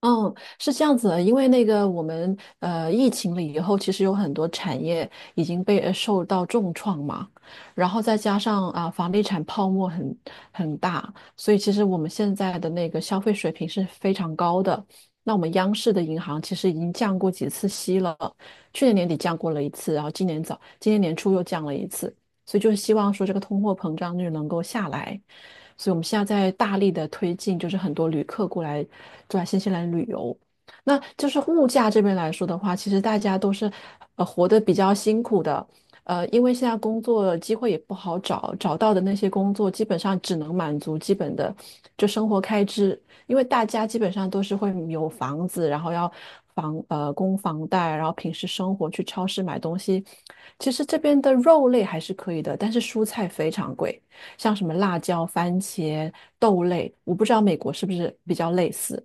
嗯，是这样子的，因为那个我们疫情了以后，其实有很多产业已经受到重创嘛，然后再加上啊、房地产泡沫很大，所以其实我们现在的那个消费水平是非常高的。那我们央视的银行其实已经降过几次息了，去年年底降过了一次，然后今年年初又降了一次，所以就是希望说这个通货膨胀率能够下来。所以我们现在在大力的推进，就是很多旅客过来新西兰旅游。那就是物价这边来说的话，其实大家都是活得比较辛苦的，因为现在工作机会也不好找，找到的那些工作基本上只能满足基本的就生活开支，因为大家基本上都是会有房子，然后要供房贷，然后平时生活去超市买东西，其实这边的肉类还是可以的，但是蔬菜非常贵。像什么辣椒、番茄、豆类，我不知道美国是不是比较类似。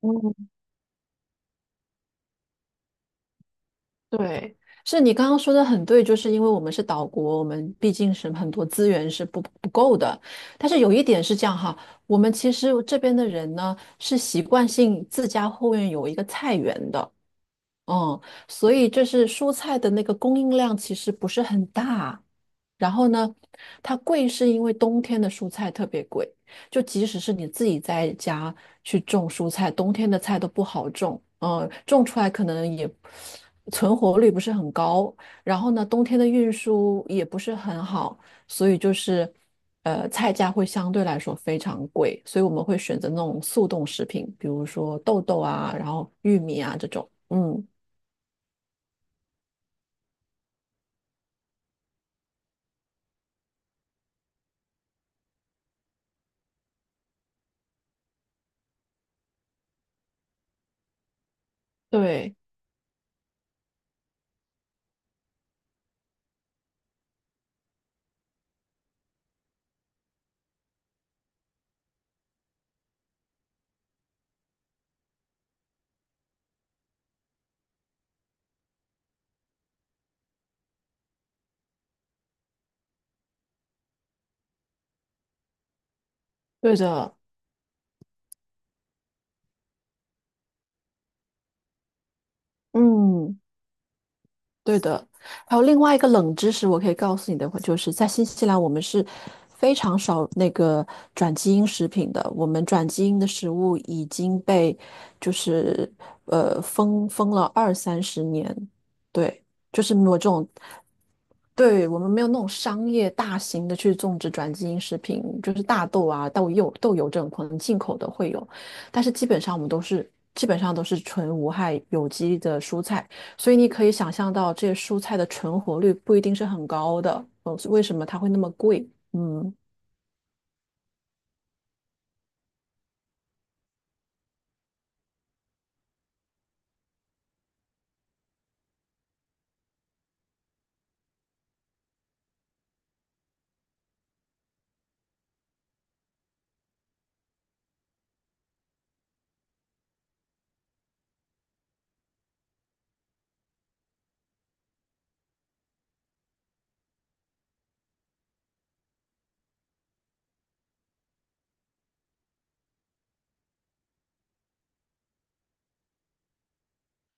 嗯，对，是你刚刚说的很对，就是因为我们是岛国，我们毕竟是很多资源是不够的。但是有一点是这样哈，我们其实这边的人呢是习惯性自家后院有一个菜园的，嗯，所以就是蔬菜的那个供应量其实不是很大。然后呢，它贵是因为冬天的蔬菜特别贵，就即使是你自己在家去种蔬菜，冬天的菜都不好种，种出来可能也存活率不是很高。然后呢，冬天的运输也不是很好，所以就是菜价会相对来说非常贵，所以我们会选择那种速冻食品，比如说豆豆啊，然后玉米啊这种，嗯。对，对的，嗯，对的。还有另外一个冷知识，我可以告诉你的话，就是在新西兰，我们是非常少那个转基因食品的。我们转基因的食物已经被就是封了二三十年，对，就是没有这种对，我们没有那种商业大型的去种植转基因食品，就是大豆啊、豆柚、豆油这种可能进口的会有，但是基本上我们都是基本上都是纯无害有机的蔬菜，所以你可以想象到这些蔬菜的存活率不一定是很高的，为什么它会那么贵？嗯，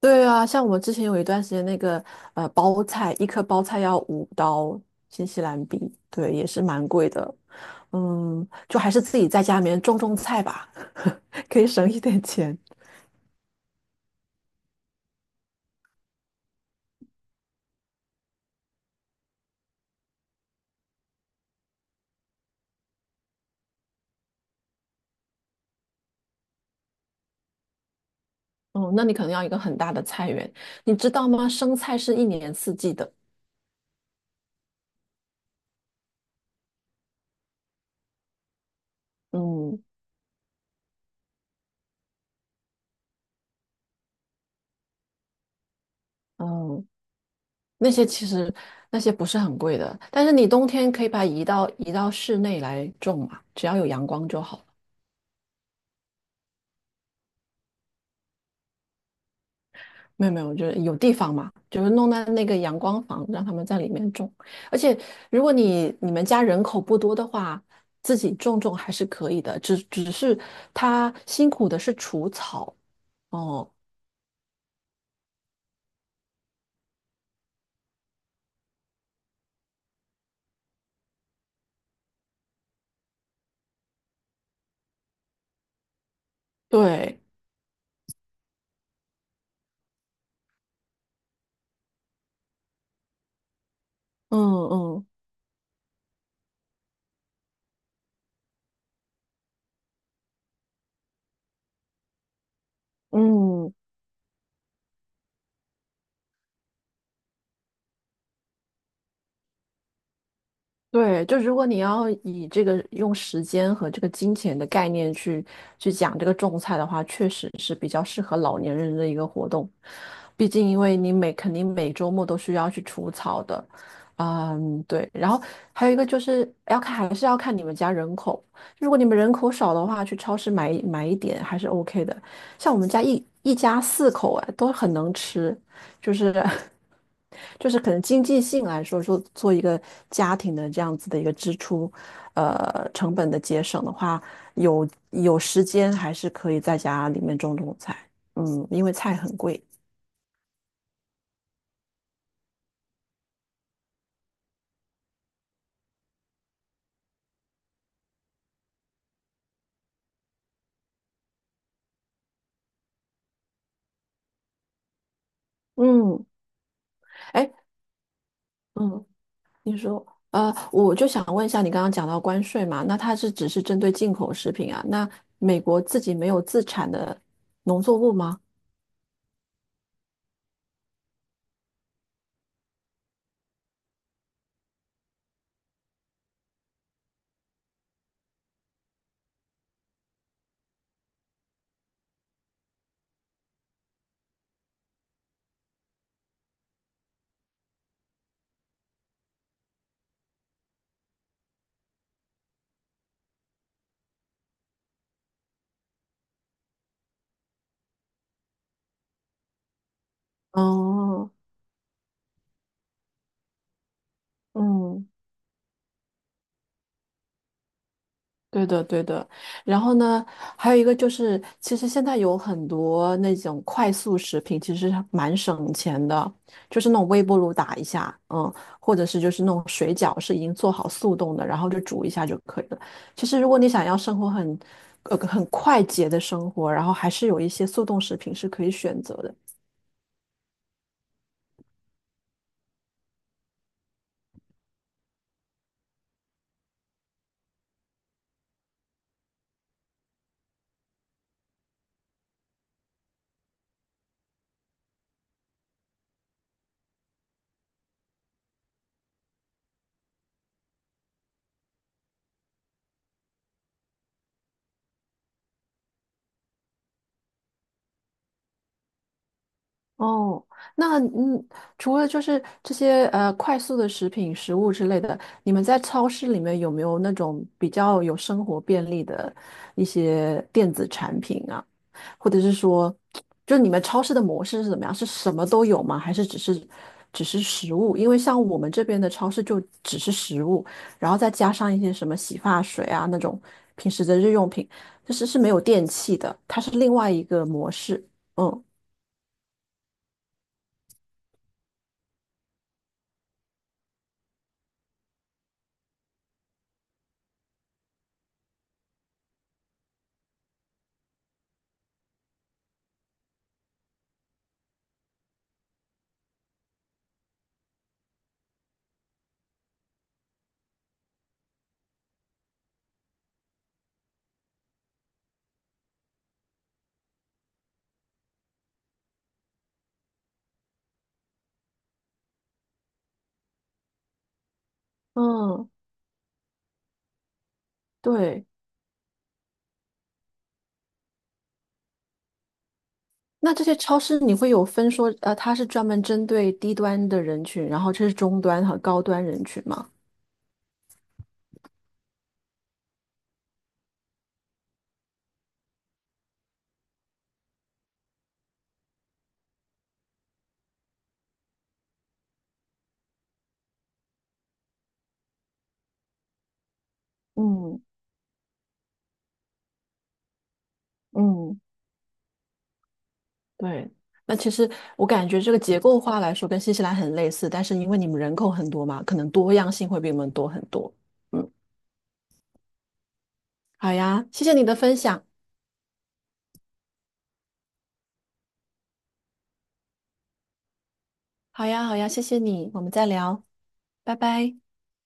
对啊，像我们之前有一段时间那个包菜，一颗包菜要5刀新西兰币，对，也是蛮贵的，嗯，就还是自己在家里面种种菜吧。可以省一点钱。哦，那你可能要一个很大的菜园，你知道吗？生菜是一年四季的。嗯嗯，那些其实那些不是很贵的，但是你冬天可以把它移到室内来种嘛，只要有阳光就好了。没有没有，就是有地方嘛，就是弄在那个阳光房，让他们在里面种。而且如果你们家人口不多的话，自己种种还是可以的，只是他辛苦的是除草。哦，对，嗯嗯嗯，对，就如果你要以这个用时间和这个金钱的概念去去讲这个种菜的话，确实是比较适合老年人的一个活动。毕竟，因为肯定每周末都需要去除草的，嗯，对。然后还有一个就是要看，还是要看你们家人口。如果你们人口少的话，去超市买一点还是 OK 的。像我们家一家四口啊，都很能吃。就是 就是可能经济性来说，说做一个家庭的这样子的一个支出，呃，成本的节省的话，有有时间还是可以在家里面种种菜，嗯，因为菜很贵，嗯，哎，嗯，你说，我就想问一下，你刚刚讲到关税嘛，那它是只是针对进口食品啊？那美国自己没有自产的农作物吗？哦，嗯。对的，对的。然后呢，还有一个就是，其实现在有很多那种快速食品，其实蛮省钱的，就是那种微波炉打一下，嗯，或者是就是那种水饺是已经做好速冻的，然后就煮一下就可以了。其实如果你想要生活很，呃，很快捷的生活，然后还是有一些速冻食品是可以选择的。哦，那除了就是这些快速的食品、食物之类的，你们在超市里面有没有那种比较有生活便利的一些电子产品啊？或者是说，就你们超市的模式是怎么样？是什么都有吗？还是只是食物？因为像我们这边的超市就只是食物，然后再加上一些什么洗发水啊那种平时的日用品，就是是没有电器的，它是另外一个模式。嗯嗯，对。那这些超市你会有分说，呃，它是专门针对低端的人群，然后这是中端和高端人群吗？嗯嗯，对。那其实我感觉这个结构化来说跟新西兰很类似，但是因为你们人口很多嘛，可能多样性会比我们多很多。嗯，好呀，谢谢你的分享。好呀，好呀，谢谢你，我们再聊，拜拜。